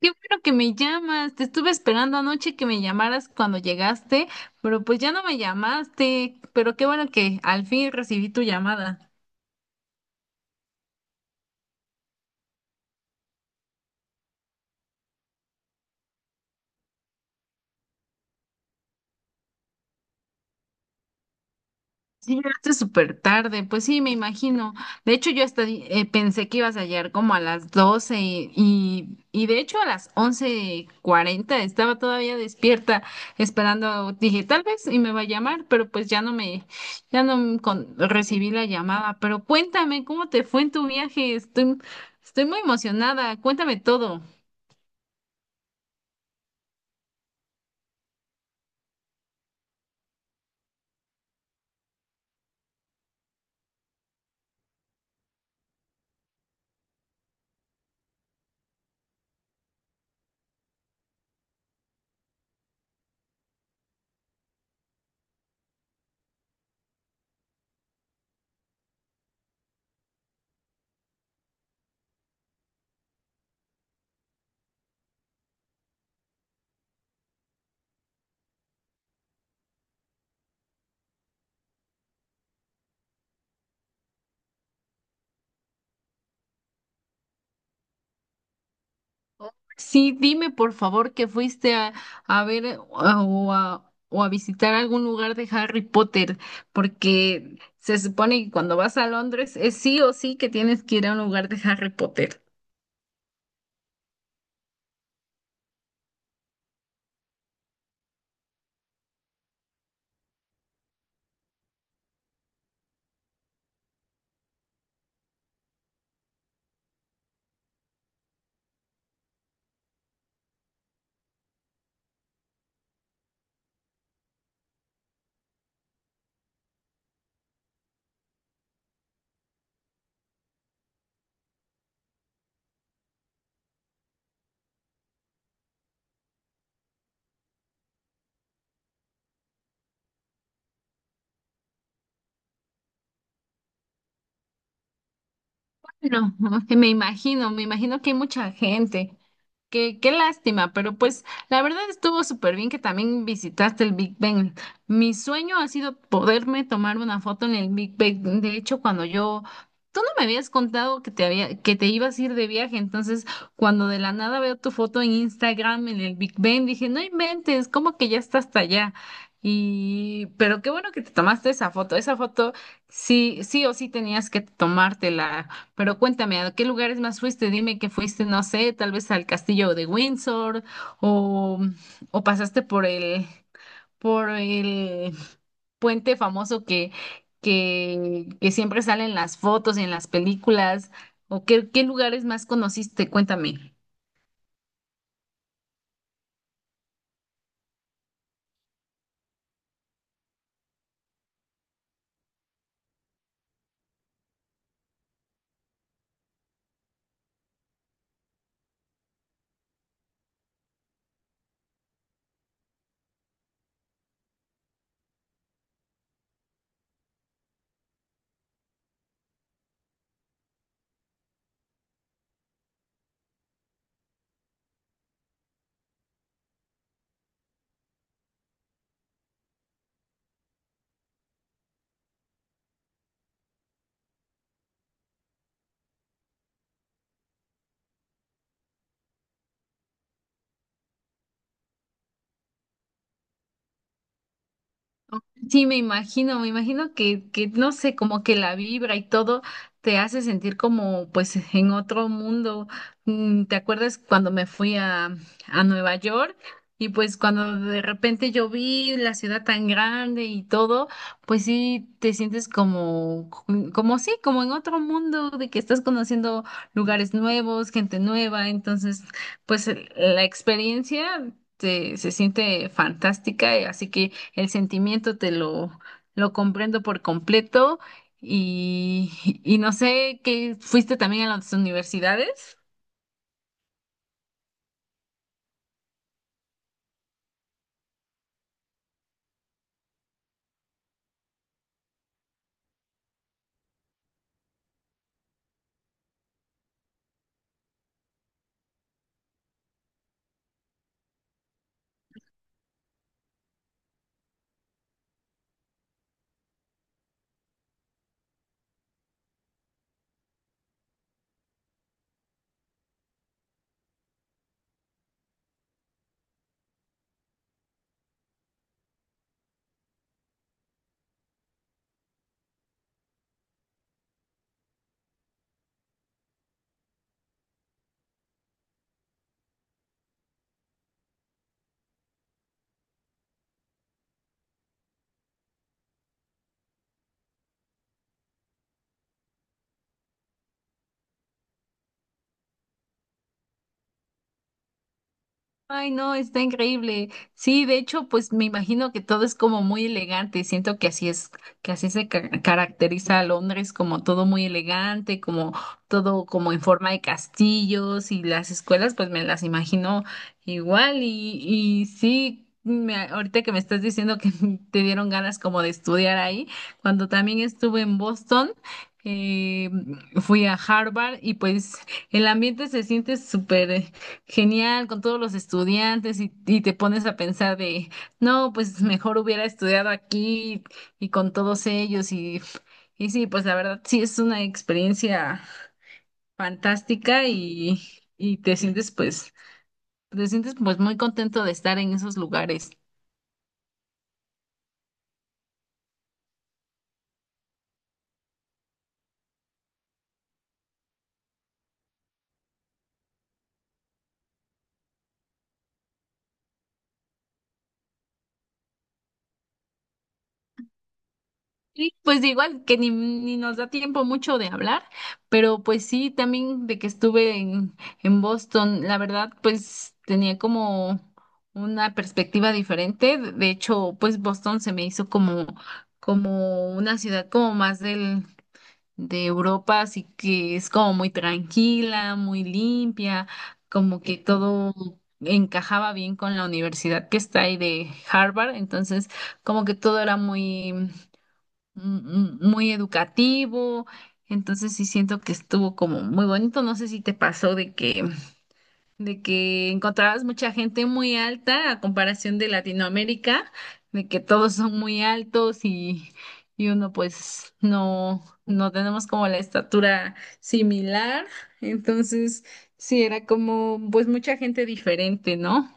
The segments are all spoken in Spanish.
Qué bueno que me llamas. Te estuve esperando anoche que me llamaras cuando llegaste, pero pues ya no me llamaste. Pero qué bueno que al fin recibí tu llamada. Sí, llegaste súper tarde, pues sí, me imagino. De hecho, yo hasta pensé que ibas a llegar como a las 12 y de hecho a las once cuarenta estaba todavía despierta esperando. Dije, tal vez y me va a llamar, pero pues ya no me con- recibí la llamada. Pero cuéntame, ¿cómo te fue en tu viaje? Estoy muy emocionada. Cuéntame todo. Sí, dime por favor que fuiste a ver o a visitar algún lugar de Harry Potter, porque se supone que cuando vas a Londres es sí o sí que tienes que ir a un lugar de Harry Potter. No, me imagino que hay mucha gente. Qué lástima, pero pues la verdad estuvo súper bien que también visitaste el Big Bang. Mi sueño ha sido poderme tomar una foto en el Big Bang. De hecho, tú no me habías contado que te ibas a ir de viaje, entonces cuando de la nada veo tu foto en Instagram en el Big Bang, dije, no inventes, ¿cómo que ya está hasta allá? Y, pero qué bueno que te tomaste esa foto. Esa foto sí, sí o sí tenías que tomártela. Pero cuéntame, ¿a qué lugares más fuiste? Dime que fuiste, no sé, tal vez al castillo de Windsor o, o pasaste por el puente famoso que siempre sale en las fotos y en las películas. ¿O qué lugares más conociste? Cuéntame. Sí, me imagino que, no sé, como que la vibra y todo te hace sentir como pues en otro mundo. Mm, ¿te acuerdas cuando me a Nueva York? Y pues cuando de repente yo vi la ciudad tan grande y todo, pues sí te sientes como, mm, como sí, como en otro mundo, de que estás conociendo lugares nuevos, gente nueva. Entonces, pues la experiencia te- se siente fantástica, así que el lo comprendo por completo y, y no sé, ¿qué fuiste también a las universidades? Ay, no, está increíble. Sí, de hecho, pues me imagino que todo es como muy elegante. Siento que así es, que así se ca- caracteriza a Londres, como todo muy elegante, como todo como en forma de castillos y las escuelas, pues me las imagino igual. Y sí, me, ahorita que me estás diciendo que te dieron ganas como de estudiar ahí, cuando también estuve en Boston. Eh, fui a Harvard y pues el ambiente se siente súper genial, con todos los estudiantes y te pones a pensar de, no, pues mejor hubiera estudiado aquí y con todos ellos. Sí, pues la verdad sí es una experiencia fantástica y te te sientes pues muy contento de estar en esos lugares. Sí, pues igual que ni nos da tiempo mucho de hablar, pero pues sí, también de que en Boston, la verdad, pues tenía como una perspectiva diferente. De hecho, pues Boston se me como una ciudad como más de Europa, así que es como muy tranquila, muy limpia, como que todo encajaba bien con la universidad que está ahí de Harvard, entonces como que todo era muy muy educativo. Entonces sí siento que estuvo como muy bonito. No sé si te de que encontrabas mucha gente muy alta a comparación de Latinoamérica, de que todos son muy y uno pues no, no tenemos como la estatura similar. Entonces sí era como pues mucha gente diferente, ¿no?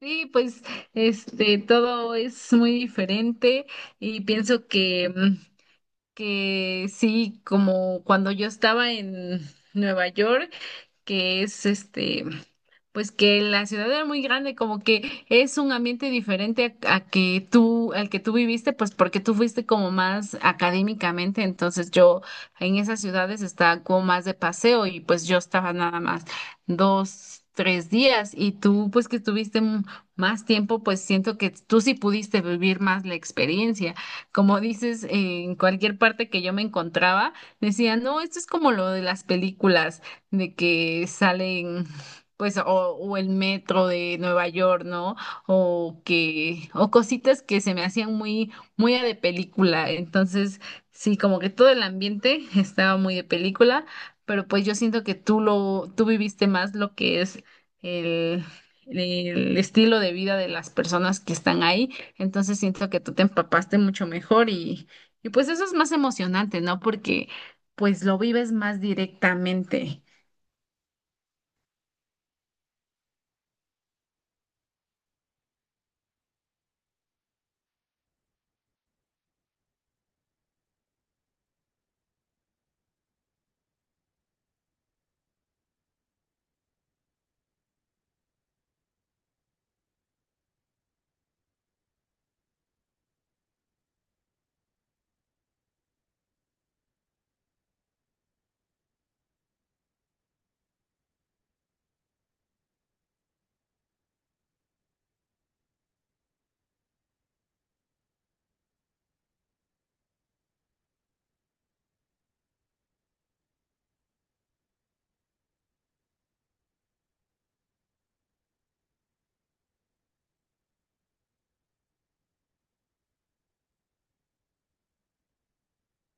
Sí, pues este todo es muy diferente y pienso que mm, que sí, como cuando yo estaba en Nueva York que es este, pues que la ciudad era muy grande, como que es un ambiente diferente a que tú, al que tú viviste, pues porque tú fuiste como más académicamente, entonces yo en esas ciudades estaba como más de paseo y pues yo estaba nada más dos, tres días y tú pues que estuviste m- más tiempo, pues siento que tú sí pudiste vivir más la experiencia. Como dices, en cualquier parte que yo me encontraba, decían, no, esto es como lo de las películas de que salen, pues, o el metro de Nueva York, ¿no? O que, o cositas que se me hacían muy de película. Entonces, sí, como que todo el ambiente estaba muy de película, pero pues yo siento que tú tú viviste más lo que es el el estilo de vida de las personas que están ahí, entonces siento que tú te empapaste mucho mejor y pues eso es más emocionante, ¿no? Porque pues lo vives más directamente.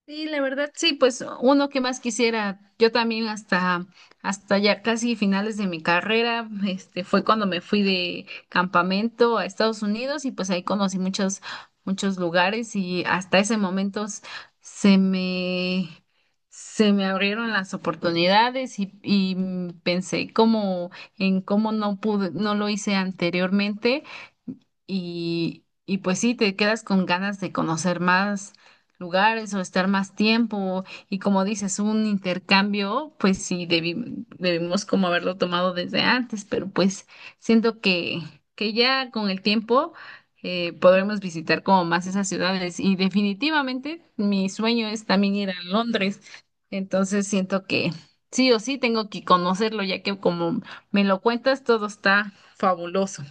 Sí, la verdad, sí, pues uno que más quisiera, yo también hasta ya casi finales de mi carrera, este, fue cuando me fui de campamento a Estados Unidos y pues ahí conocí muchos lugares y hasta ese momento s- se me, se me abrieron las oportunidades y mm, pensé como en cómo no pude, no lo hice anteriormente y pues sí, te quedas con ganas de conocer más lugares o estar más tiempo y como dices, un intercambio, pues sí, debimos como haberlo tomado desde antes, pero pues siento que ya con el tiempo podremos visitar como más esas ciudades y definitivamente mi sueño es también ir a Londres, entonces siento que sí o sí tengo que conocerlo ya que como me lo cuentas, todo está fabuloso.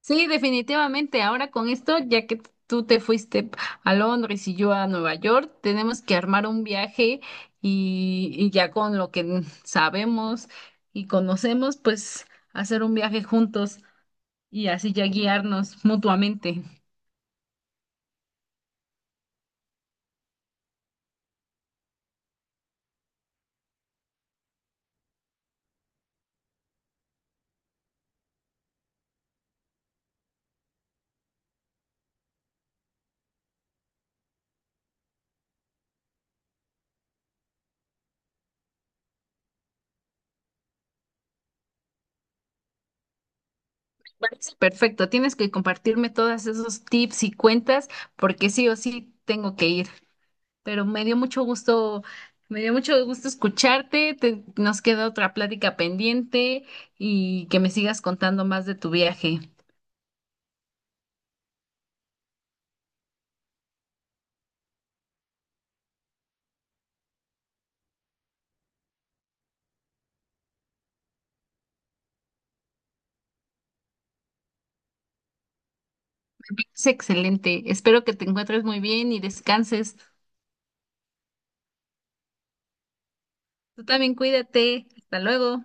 Sí, definitivamente. Ahora con esto, ya que tú te fuiste a Londres y yo a Nueva York, tenemos que armar un viaje y ya con lo que sabemos y conocemos, pues hacer un viaje juntos y así ya guiarnos mutuamente. Parece perfecto, tienes que compartirme todos esos tips y cuentas porque sí o sí tengo que ir. Pero me dio mucho gusto, me dio mucho gusto escucharte, te- nos queda otra plática pendiente y que me sigas contando más de tu viaje. Es excelente, espero que te encuentres muy bien y descanses. Tú también cuídate, hasta luego.